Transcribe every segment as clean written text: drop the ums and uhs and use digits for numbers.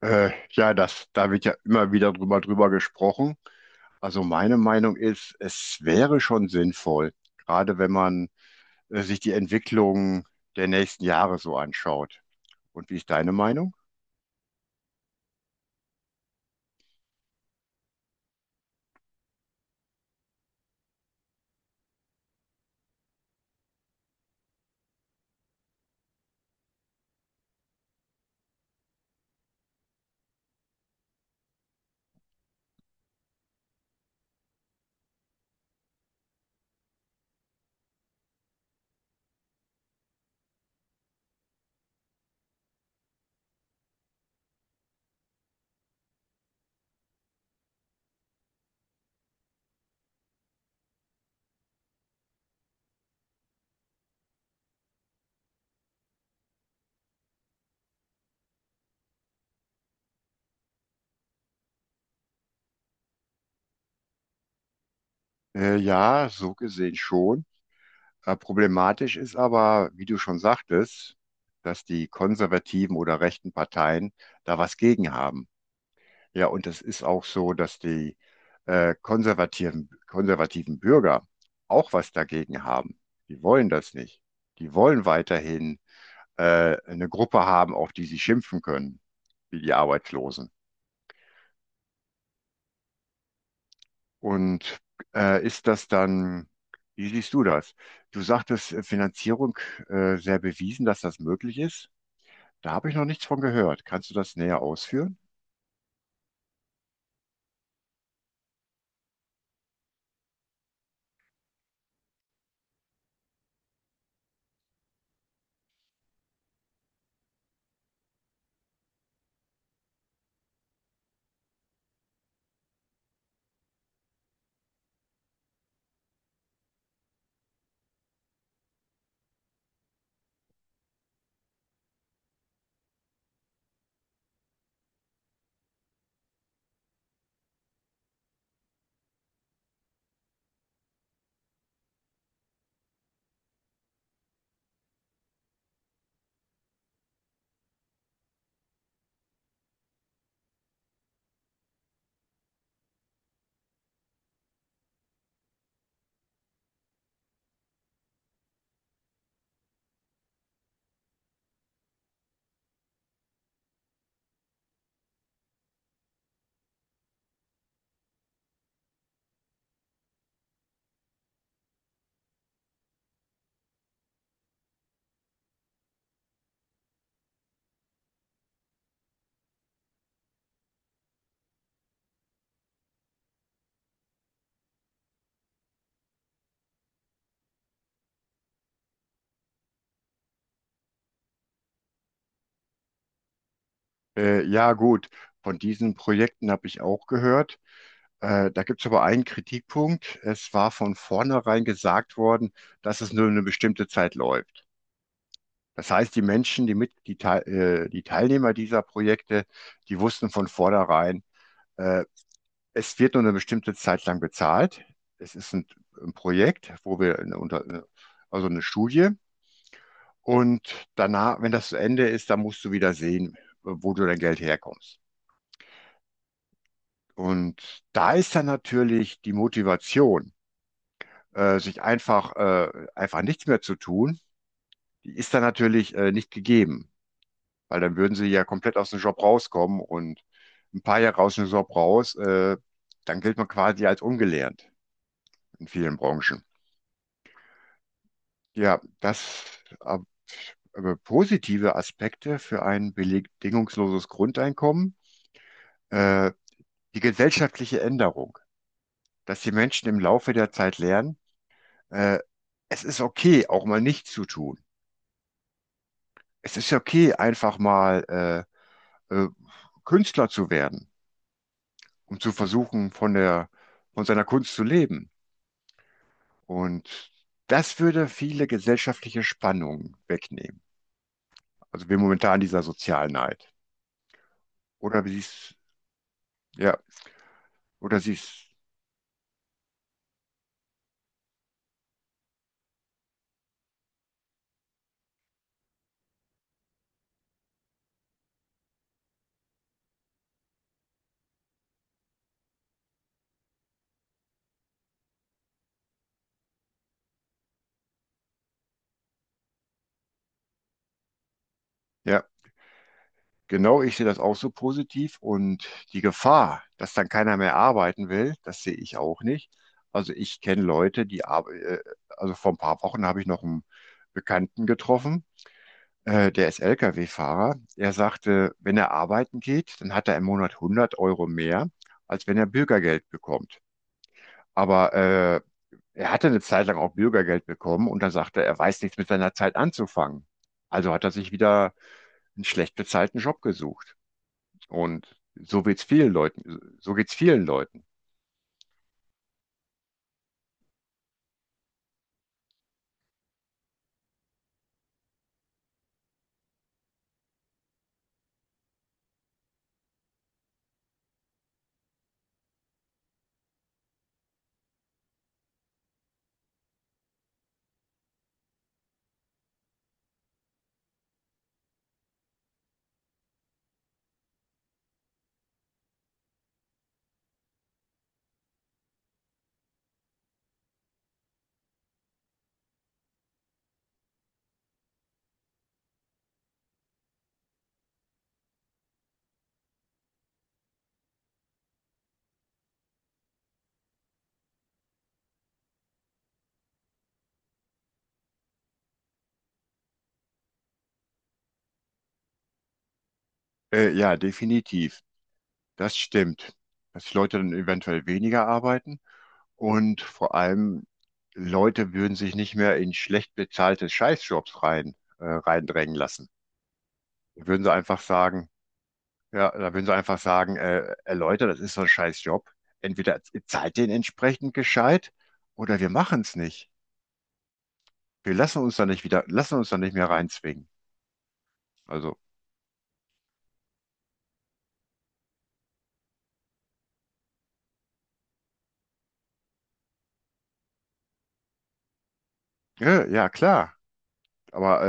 Da wird ja immer wieder drüber gesprochen. Also meine Meinung ist, es wäre schon sinnvoll, gerade wenn man sich die Entwicklung der nächsten Jahre so anschaut. Und wie ist deine Meinung? Ja, so gesehen schon. Problematisch ist aber, wie du schon sagtest, dass die konservativen oder rechten Parteien da was gegen haben. Ja, und es ist auch so, dass die konservativen Bürger auch was dagegen haben. Die wollen das nicht. Die wollen weiterhin eine Gruppe haben, auf die sie schimpfen können, wie die Arbeitslosen. Und äh, ist das dann, wie siehst du das? Du sagtest Finanzierung sehr bewiesen, dass das möglich ist. Da habe ich noch nichts von gehört. Kannst du das näher ausführen? Ja, gut. Von diesen Projekten habe ich auch gehört. Da gibt es aber einen Kritikpunkt. Es war von vornherein gesagt worden, dass es nur eine bestimmte Zeit läuft. Das heißt, die Menschen, die Teilnehmer dieser Projekte, die wussten von vornherein, äh, es wird nur eine bestimmte Zeit lang bezahlt. Es ist ein Projekt, wo wir eine, unter, eine- also eine Studie. Und danach, wenn das zu Ende ist, dann musst du wieder sehen, wo du dein Geld herkommst. Und da ist dann natürlich die Motivation, einfach nichts mehr zu tun, die ist dann natürlich nicht gegeben, weil dann würden sie ja komplett aus dem Job rauskommen und ein paar Jahre aus dem Job raus, dann gilt man quasi als ungelernt in vielen Branchen. Ja, das ab- aber positive Aspekte für ein bedingungsloses Grundeinkommen, äh, die gesellschaftliche Änderung, dass die Menschen im Laufe der Zeit lernen, äh, es ist okay, auch mal nichts zu tun. Es ist okay, einfach mal äh, Künstler zu werden, um zu versuchen, von seiner Kunst zu leben. Und das würde viele gesellschaftliche Spannungen wegnehmen. Also wir momentan in dieser Sozialneid. Oder wie siehst, ja, oder siehst, ja, genau, ich sehe das auch so positiv, und die Gefahr, dass dann keiner mehr arbeiten will, das sehe ich auch nicht. Also ich kenne also vor ein paar Wochen habe ich noch einen Bekannten getroffen, der ist Lkw-Fahrer. Er sagte, wenn er arbeiten geht, dann hat er im Monat 100 Euro mehr, als wenn er Bürgergeld bekommt. Aber er hatte eine Zeit lang auch Bürgergeld bekommen, und dann sagte er, er weiß nichts mit seiner Zeit anzufangen. Also hat er sich wieder einen schlecht bezahlten Job gesucht. Und so geht's vielen Leuten. So geht's vielen Leuten. Ja, definitiv. Das stimmt. Dass die Leute dann eventuell weniger arbeiten. Und vor allem, Leute würden sich nicht mehr in schlecht bezahlte Scheißjobs reindrängen lassen. Da würden sie einfach sagen, Leute, das ist so ein Scheißjob. Entweder ihr zahlt den entsprechend gescheit oder wir machen es nicht. Wir lassen uns da nicht wieder, lassen uns da nicht mehr reinzwingen. Also, ja, ja, klar. Aber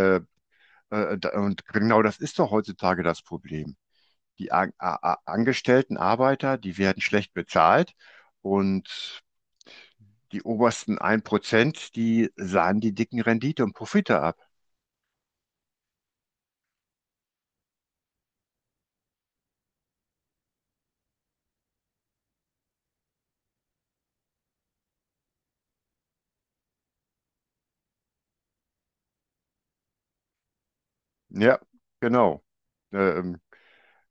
und genau das ist doch heutzutage das Problem. Die An- A- A- angestellten Arbeiter, die werden schlecht bezahlt, und die obersten ein Prozent, die sahen die dicken Rendite und Profite ab. Ja, genau. Ähm,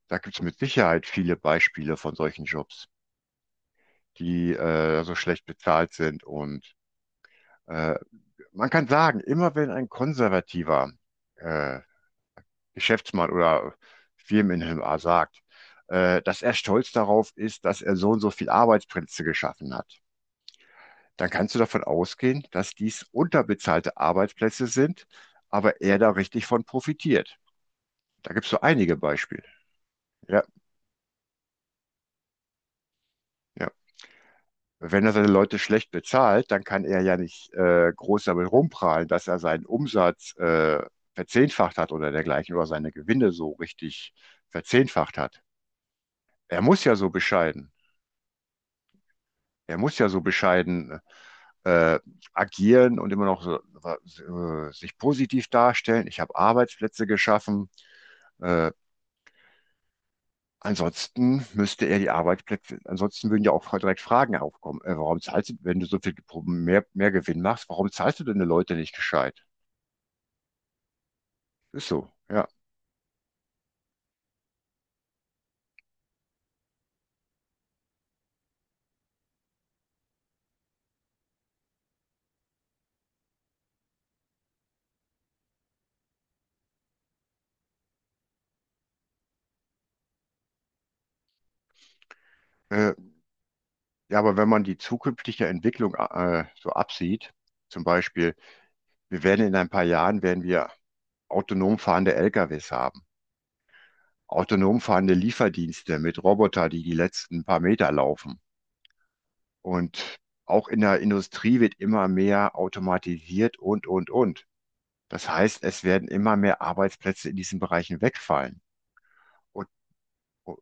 Da gibt es mit Sicherheit viele Beispiele von solchen Jobs, die so schlecht bezahlt sind. Und äh, man kann sagen, immer wenn ein konservativer äh, Geschäftsmann oder Firmeninhaber sagt, dass er stolz darauf ist, dass er so und so viel Arbeitsplätze geschaffen hat, dann kannst du davon ausgehen, dass dies unterbezahlte Arbeitsplätze sind, aber er da richtig von profitiert. Da gibt es so einige Beispiele. Ja, ja. Wenn er seine Leute schlecht bezahlt, dann kann er ja nicht groß damit rumprahlen, dass er seinen Umsatz verzehnfacht hat oder dergleichen, oder seine Gewinne so richtig verzehnfacht hat. Er muss ja so bescheiden. Er muss ja so bescheiden äh, agieren und immer noch so, sich positiv darstellen. Ich habe Arbeitsplätze geschaffen. Äh, Ansonsten müsste er die Arbeitsplätze, ansonsten würden ja auch direkt Fragen aufkommen. Warum zahlst du, wenn du so viel mehr Gewinn machst, warum zahlst du deine Leute nicht gescheit? Ist so, ja. Äh, ja, aber wenn man die zukünftige Entwicklung so absieht, zum Beispiel, wir werden in ein paar Jahren werden wir autonom fahrende LKWs haben, autonom fahrende Lieferdienste mit Roboter, die die letzten paar Meter laufen. Und auch in der Industrie wird immer mehr automatisiert und, und. Das heißt, es werden immer mehr Arbeitsplätze in diesen Bereichen wegfallen. Und, und